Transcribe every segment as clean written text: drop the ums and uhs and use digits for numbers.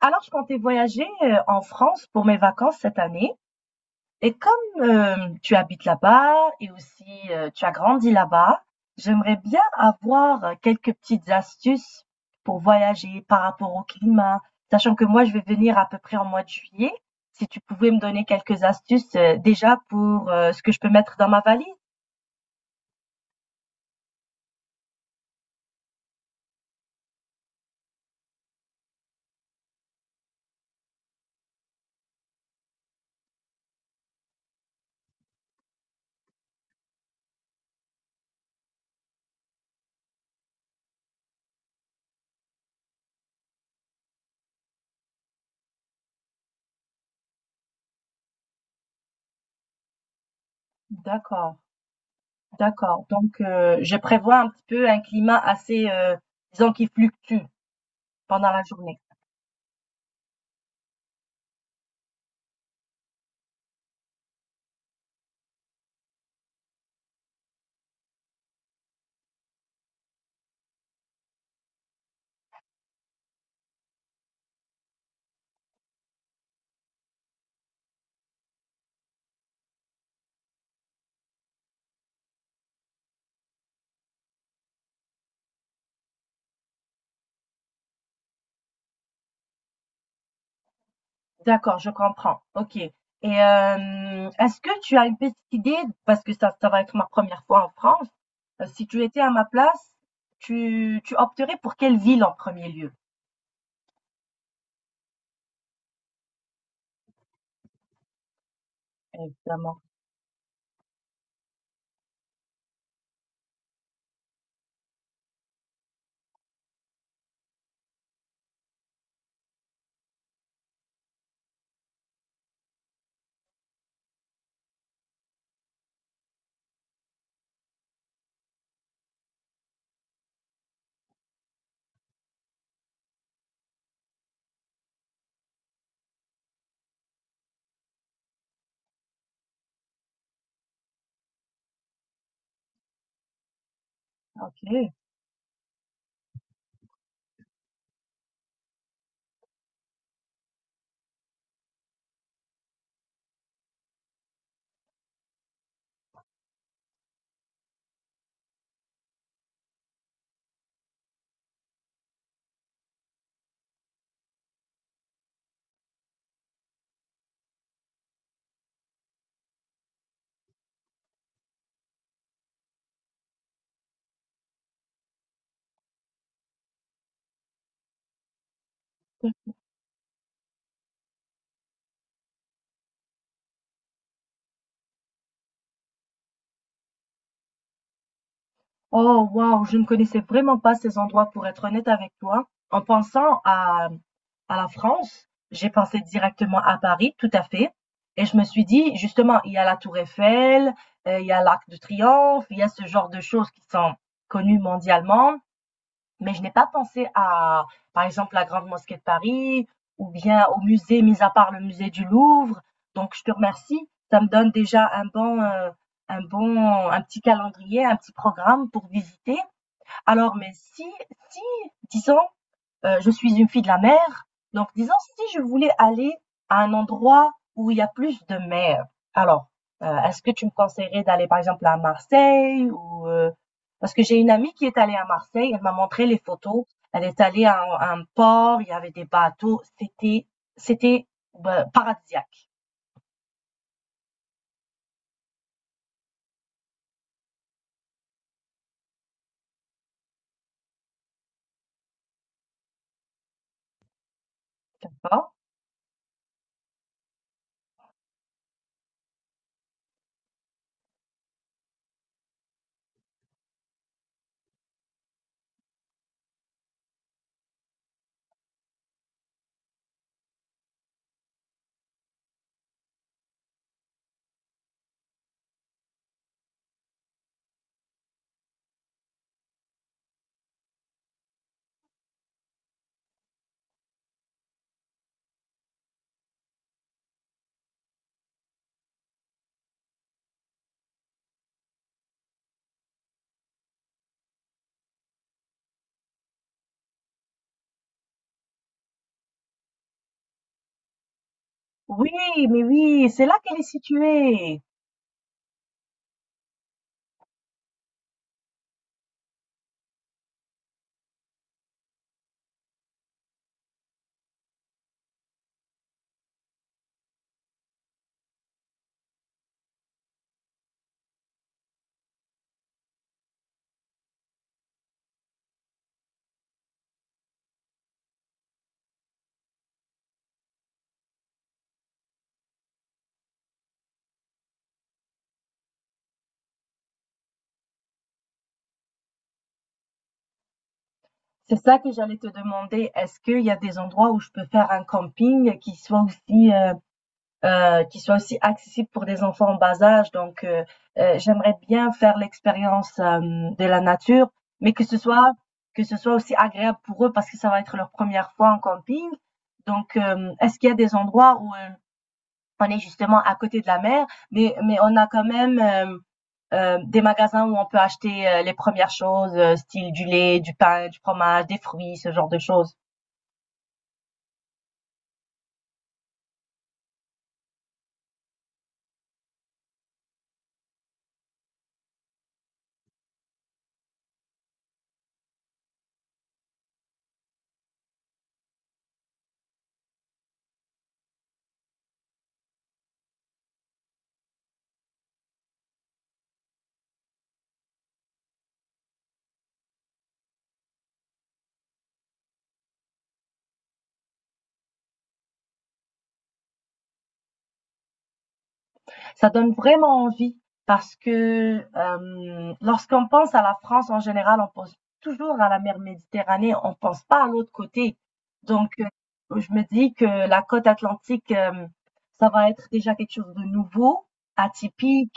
Alors, je comptais voyager en France pour mes vacances cette année. Et comme tu habites là-bas et aussi tu as grandi là-bas, j'aimerais bien avoir quelques petites astuces pour voyager par rapport au climat, sachant que moi, je vais venir à peu près en mois de juillet. Si tu pouvais me donner quelques astuces déjà pour ce que je peux mettre dans ma valise. D'accord, d'accord. Donc, je prévois un petit peu un climat assez, disons, qui fluctue pendant la journée. D'accord, je comprends. OK. Et est-ce que tu as une petite idée, parce que ça va être ma première fois en France, si tu étais à ma place, tu opterais pour quelle ville en premier lieu? Évidemment. OK. Oh waouh, je ne connaissais vraiment pas ces endroits pour être honnête avec toi. En pensant à la France, j'ai pensé directement à Paris, tout à fait. Et je me suis dit, justement, il y a la Tour Eiffel, il y a l'Arc de Triomphe, il y a ce genre de choses qui sont connues mondialement. Mais je n'ai pas pensé à, par exemple, la Grande Mosquée de Paris ou bien au musée, mis à part le musée du Louvre. Donc, je te remercie. Ça me donne déjà un bon, un bon, un petit calendrier, un petit programme pour visiter. Alors, mais si, si, disons, je suis une fille de la mer. Donc, disons, si je voulais aller à un endroit où il y a plus de mer, alors, est-ce que tu me conseillerais d'aller, par exemple, à Marseille ou parce que j'ai une amie qui est allée à Marseille, elle m'a montré les photos. Elle est allée à un port, il y avait des bateaux, c'était bah, paradisiaque. D'accord? Oui, mais oui, c'est là qu'elle est située. C'est ça que j'allais te demander. Est-ce qu'il y a des endroits où je peux faire un camping qui soit aussi accessible pour des enfants en bas âge. Donc, j'aimerais bien faire l'expérience de la nature, mais que ce soit aussi agréable pour eux parce que ça va être leur première fois en camping. Donc, est-ce qu'il y a des endroits où on est justement à côté de la mer, mais on a quand même des magasins où on peut acheter les premières choses, style du lait, du pain, du fromage, des fruits, ce genre de choses. Ça donne vraiment envie parce que lorsqu'on pense à la France en général, on pense toujours à la mer Méditerranée, on pense pas à l'autre côté. Donc, je me dis que la côte atlantique, ça va être déjà quelque chose de nouveau, atypique.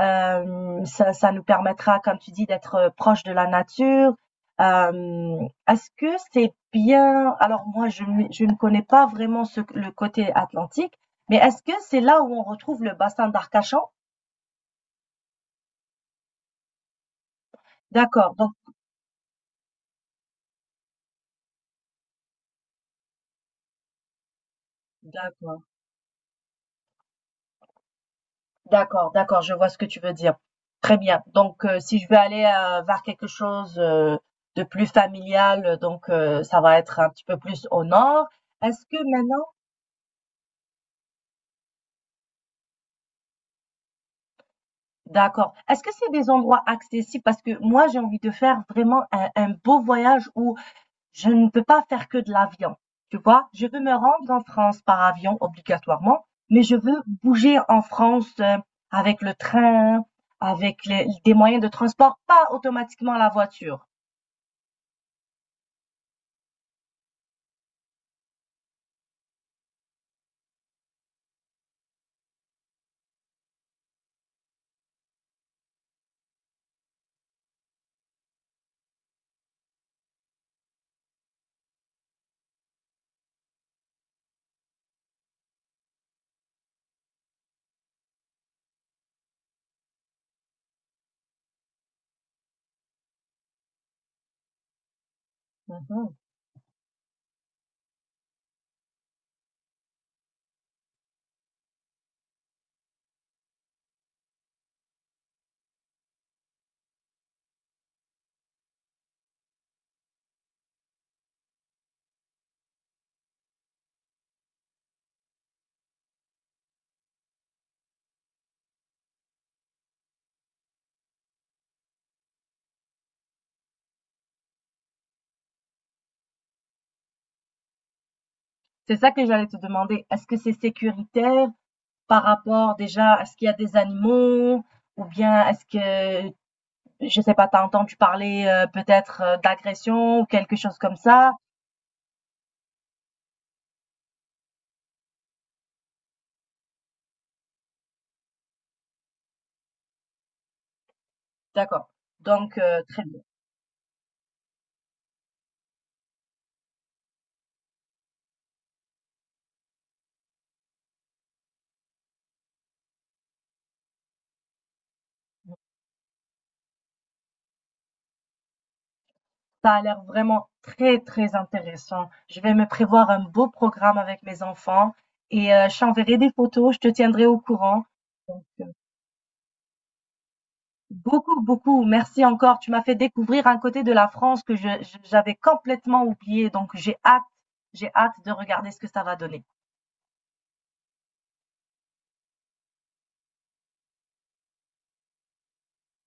Ça, ça nous permettra, comme tu dis, d'être proche de la nature. Euh, est-ce que c'est bien? Alors moi, je ne connais pas vraiment le côté atlantique, mais est-ce que c'est là où on retrouve le bassin d'Arcachon? D'accord, donc d'accord, d'accord, d'accord, je vois ce que tu veux dire. Très bien. Donc, si je veux aller vers quelque chose de plus familial, donc ça va être un petit peu plus au nord. Est-ce que maintenant, d'accord, est-ce que c'est des endroits accessibles? Parce que moi, j'ai envie de faire vraiment un beau voyage où je ne peux pas faire que de l'avion, tu vois? Je veux me rendre en France par avion obligatoirement, mais je veux bouger en France avec le train, avec des moyens de transport, pas automatiquement la voiture. Mhm. C'est ça que j'allais te demander. Est-ce que c'est sécuritaire? Par rapport déjà à ce qu'il y a des animaux ou bien est-ce que, je sais pas, tu as entendu parler, peut-être, d'agression ou quelque chose comme ça? D'accord, donc très bien. Ça a l'air vraiment très, très intéressant. Je vais me prévoir un beau programme avec mes enfants et je t'enverrai des photos, je te tiendrai au courant. Donc beaucoup, beaucoup, merci encore. Tu m'as fait découvrir un côté de la France que je j'avais complètement oublié, donc j'ai hâte de regarder ce que ça va donner.